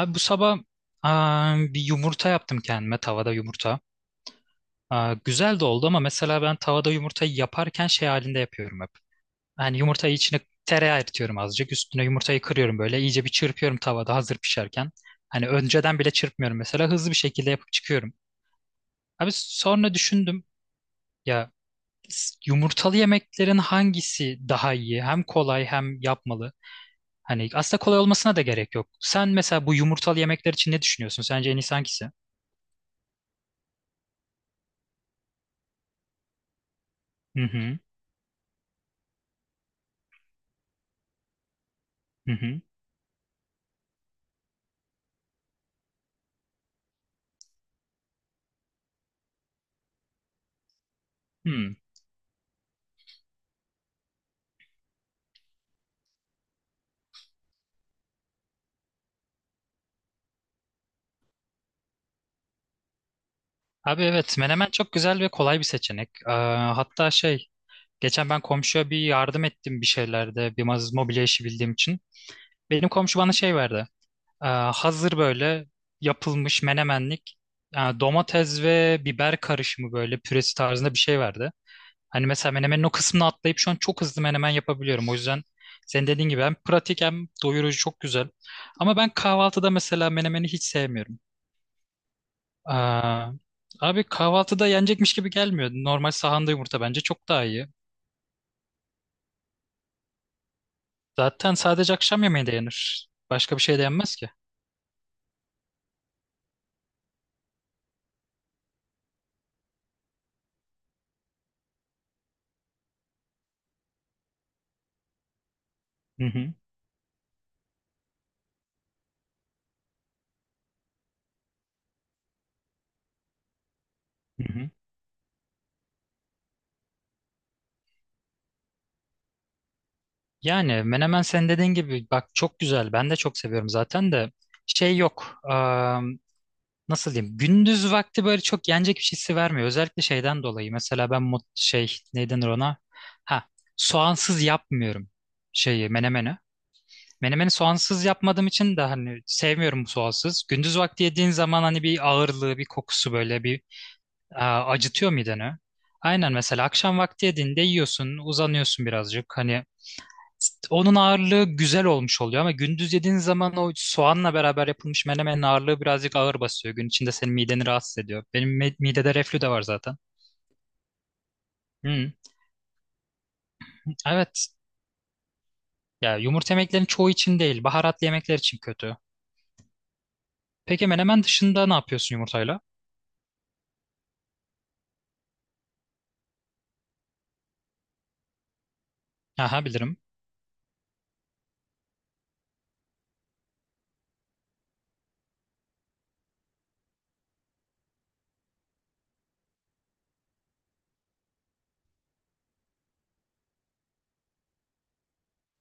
Abi bu sabah bir yumurta yaptım kendime tavada yumurta. Güzel de oldu ama mesela ben tavada yumurtayı yaparken şey halinde yapıyorum hep. Yani yumurtayı içine tereyağı eritiyorum azıcık. Üstüne yumurtayı kırıyorum böyle. İyice bir çırpıyorum tavada hazır pişerken. Hani önceden bile çırpmıyorum mesela. Hızlı bir şekilde yapıp çıkıyorum. Abi sonra düşündüm ya yumurtalı yemeklerin hangisi daha iyi? Hem kolay hem yapmalı. Hani aslında kolay olmasına da gerek yok. Sen mesela bu yumurtalı yemekler için ne düşünüyorsun? Sence en iyisi hangisi? Hı hı. Hı hı. Hmm. Abi evet menemen çok güzel ve kolay bir seçenek. Hatta şey geçen ben komşuya bir yardım ettim bir şeylerde bir mobilya işi bildiğim için. Benim komşu bana şey verdi. Hazır böyle yapılmış menemenlik yani domates ve biber karışımı böyle püresi tarzında bir şey verdi. Hani mesela menemenin o kısmını atlayıp şu an çok hızlı menemen yapabiliyorum. O yüzden senin dediğin gibi hem pratik hem doyurucu çok güzel. Ama ben kahvaltıda mesela menemeni hiç sevmiyorum. Aa, Abi kahvaltıda yenecekmiş gibi gelmiyor. Normal sahanda yumurta bence çok daha iyi. Zaten sadece akşam yemeği de yenir. Başka bir şey de yenmez ki. Hı hı. Hı hı. Yani menemen sen dediğin gibi bak çok güzel. Ben de çok seviyorum zaten de şey yok. Nasıl diyeyim? Gündüz vakti böyle çok yenecek bir şeysi vermiyor. Özellikle şeyden dolayı. Mesela ben şey ne denir ona? Ha, soğansız yapmıyorum şeyi menemeni. Menemeni soğansız yapmadığım için de hani sevmiyorum soğansız. Gündüz vakti yediğin zaman hani bir ağırlığı, bir kokusu böyle bir acıtıyor mideni. Aynen mesela akşam vakti yediğinde yiyorsun, uzanıyorsun birazcık. Hani onun ağırlığı güzel olmuş oluyor ama gündüz yediğin zaman o soğanla beraber yapılmış menemenin ağırlığı birazcık ağır basıyor. Gün içinde senin mideni rahatsız ediyor. Benim midede reflü de var zaten. Hı. Evet. Ya yumurta yemeklerin çoğu için değil, baharatlı yemekler için kötü. Peki menemen dışında ne yapıyorsun yumurtayla? Aha bilirim.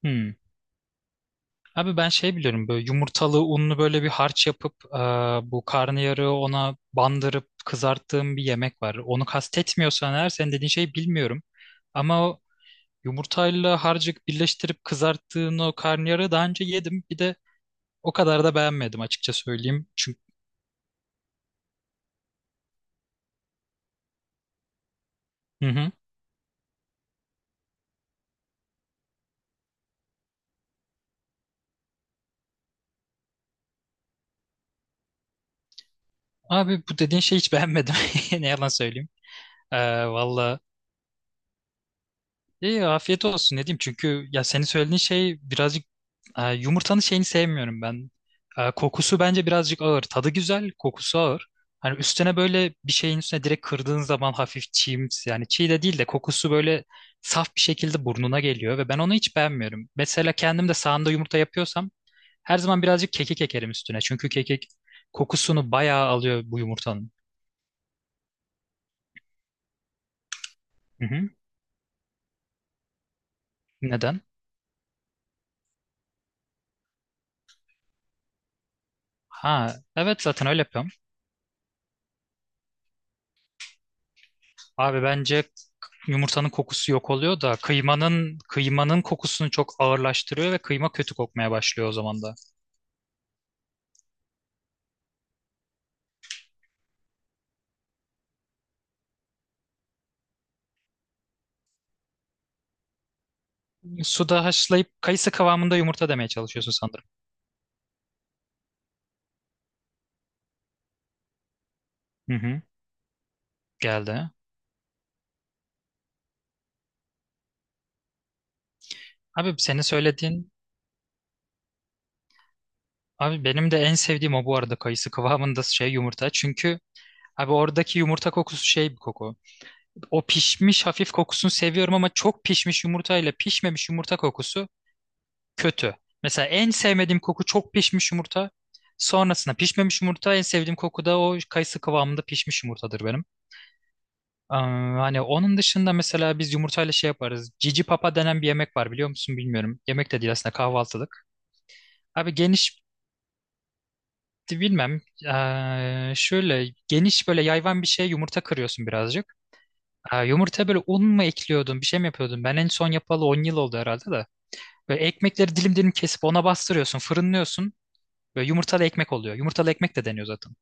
Hmm. Abi ben şey biliyorum böyle yumurtalı unlu böyle bir harç yapıp bu karnıyarığı ona bandırıp kızarttığım bir yemek var. Onu kastetmiyorsan eğer senin dediğin şeyi bilmiyorum. Ama o yumurtayla harcık birleştirip kızarttığın o karnıyarığı daha önce yedim. Bir de o kadar da beğenmedim açıkça söyleyeyim. Çünkü hı hı. Abi bu dediğin şeyi hiç beğenmedim. Ne yalan söyleyeyim. E, Vallahi İyi afiyet olsun ne diyeyim çünkü ya senin söylediğin şey birazcık yumurtanın şeyini sevmiyorum ben. Kokusu bence birazcık ağır. Tadı güzel, kokusu ağır. Hani üstüne böyle bir şeyin üstüne direkt kırdığın zaman hafif çiğimsi yani çiğ de değil de kokusu böyle saf bir şekilde burnuna geliyor ve ben onu hiç beğenmiyorum. Mesela kendim de sahanda yumurta yapıyorsam her zaman birazcık kekik ekerim üstüne. Çünkü kekik kokusunu bayağı alıyor bu yumurtanın. Hı hı. Neden? Ha, evet zaten öyle yapıyorum. Abi bence yumurtanın kokusu yok oluyor da kıymanın kokusunu çok ağırlaştırıyor ve kıyma kötü kokmaya başlıyor o zaman da. Suda haşlayıp kayısı kıvamında yumurta demeye çalışıyorsun sanırım. Hı hı. Geldi. Abi senin söylediğin abi benim de en sevdiğim o bu arada kayısı kıvamında şey yumurta. Çünkü abi oradaki yumurta kokusu şey bir koku. O pişmiş hafif kokusunu seviyorum ama çok pişmiş yumurta ile pişmemiş yumurta kokusu kötü. Mesela en sevmediğim koku çok pişmiş yumurta. Sonrasında pişmemiş yumurta. En sevdiğim koku da o kayısı kıvamında pişmiş yumurtadır benim. Ee, Hani onun dışında mesela biz yumurtayla şey yaparız. Cici papa denen bir yemek var biliyor musun bilmiyorum. Yemek de değil aslında kahvaltılık. Abi geniş bilmem. Şöyle geniş böyle yayvan bir şeye yumurta kırıyorsun birazcık. Yumurta böyle un mu ekliyordun bir şey mi yapıyordun? Ben en son yapalı 10 yıl oldu herhalde de. Böyle ekmekleri dilim dilim kesip ona bastırıyorsun, fırınlıyorsun. Böyle yumurtalı ekmek oluyor. Yumurtalı ekmek de deniyor zaten.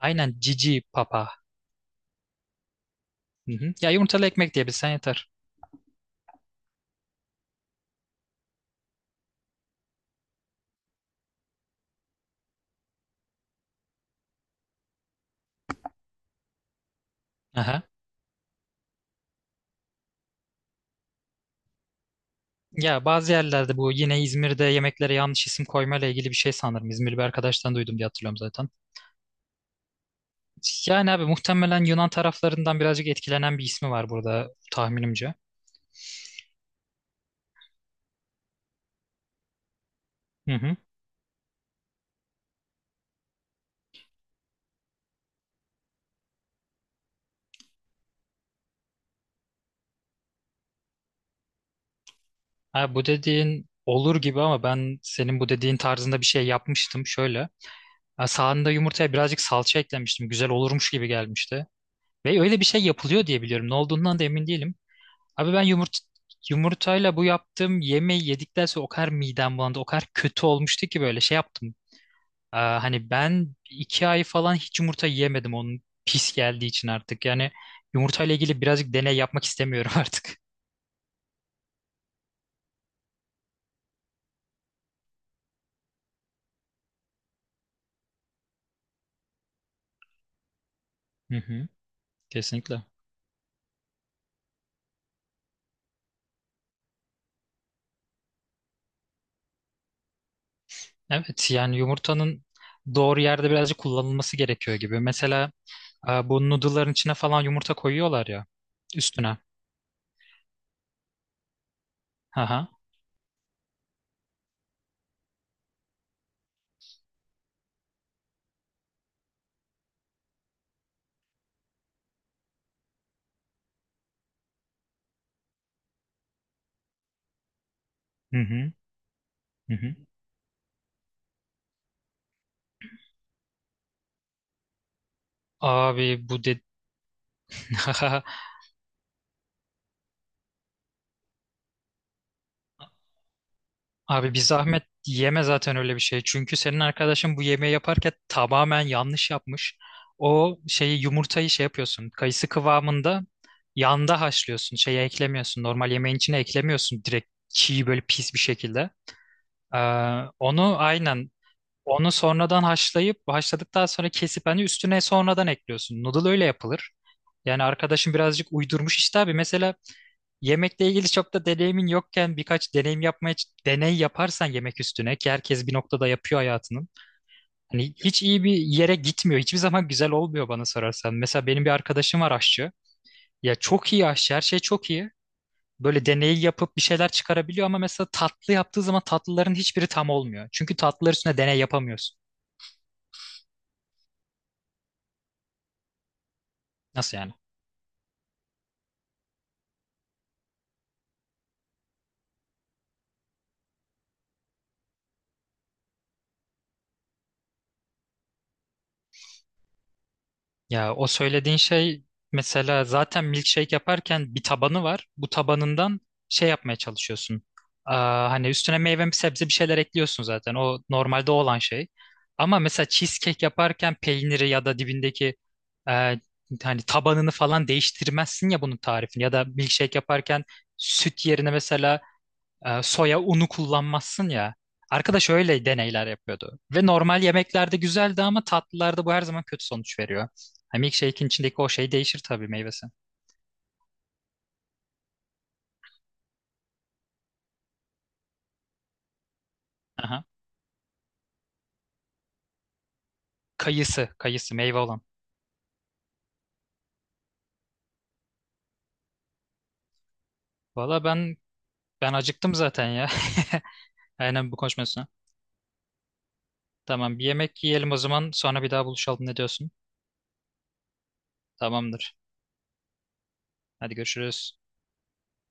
Aynen cici papa. Hı hı. Ya yumurtalı ekmek diyebilsen yeter. Aha. Ya bazı yerlerde bu yine İzmir'de yemeklere yanlış isim koymayla ilgili bir şey sanırım. İzmirli bir arkadaştan duydum diye hatırlıyorum zaten. Yani abi muhtemelen Yunan taraflarından birazcık etkilenen bir ismi var burada tahminimce. Hı hı. Abi bu dediğin olur gibi ama ben senin bu dediğin tarzında bir şey yapmıştım şöyle. Ha, sağında yumurtaya birazcık salça eklemiştim. Güzel olurmuş gibi gelmişti. Ve öyle bir şey yapılıyor diye biliyorum. Ne olduğundan da emin değilim. Abi ben yumurtayla bu yaptığım yemeği yedikten sonra o kadar midem bulandı. O kadar kötü olmuştu ki böyle şey yaptım. Hani ben 2 ay falan hiç yumurta yemedim onun pis geldiği için artık. Yani yumurtayla ilgili birazcık deney yapmak istemiyorum artık. Hı hı, kesinlikle. Evet yani yumurtanın doğru yerde birazcık kullanılması gerekiyor gibi. Mesela bu noodle'ların içine falan yumurta koyuyorlar ya üstüne. Aha. Hı hı. Hı hı. Abi bu de Abi bir zahmet yeme zaten öyle bir şey. Çünkü senin arkadaşın bu yemeği yaparken tamamen yanlış yapmış. O şeyi yumurtayı şey yapıyorsun. Kayısı kıvamında yanda haşlıyorsun. Şeye eklemiyorsun. Normal yemeğin içine eklemiyorsun. Direkt çiğ böyle pis bir şekilde. Ee, Onu aynen onu sonradan haşlayıp haşladıktan sonra kesip hani üstüne sonradan ekliyorsun. Noodle öyle yapılır. Yani arkadaşım birazcık uydurmuş işte abi. Mesela yemekle ilgili çok da deneyimin yokken birkaç deneyim yapmaya deney yaparsan yemek üstüne ki herkes bir noktada yapıyor hayatının. Hani hiç iyi bir yere gitmiyor. Hiçbir zaman güzel olmuyor bana sorarsan. Mesela benim bir arkadaşım var aşçı. Ya çok iyi aşçı, her şey çok iyi. Böyle deneyi yapıp bir şeyler çıkarabiliyor ama mesela tatlı yaptığı zaman tatlıların hiçbiri tam olmuyor. Çünkü tatlılar üstüne deney yapamıyorsun. Nasıl yani? Ya o söylediğin şey mesela zaten milkshake yaparken bir tabanı var. Bu tabanından şey yapmaya çalışıyorsun. Hani üstüne meyve sebze bir şeyler ekliyorsun zaten. O normalde olan şey. Ama mesela cheesecake yaparken peyniri ya da dibindeki e, hani tabanını falan değiştirmezsin ya bunun tarifini. Ya da milkshake yaparken süt yerine mesela soya unu kullanmazsın ya. Arkadaş öyle deneyler yapıyordu. Ve normal yemeklerde güzeldi ama tatlılarda bu her zaman kötü sonuç veriyor. Hani milkshake'in içindeki o şey değişir tabii meyvesi. Aha. Kayısı, kayısı meyve olan. Valla ben acıktım zaten ya. Aynen bu konuşmasına. Tamam bir yemek yiyelim o zaman sonra bir daha buluşalım ne diyorsun? Tamamdır. Hadi görüşürüz.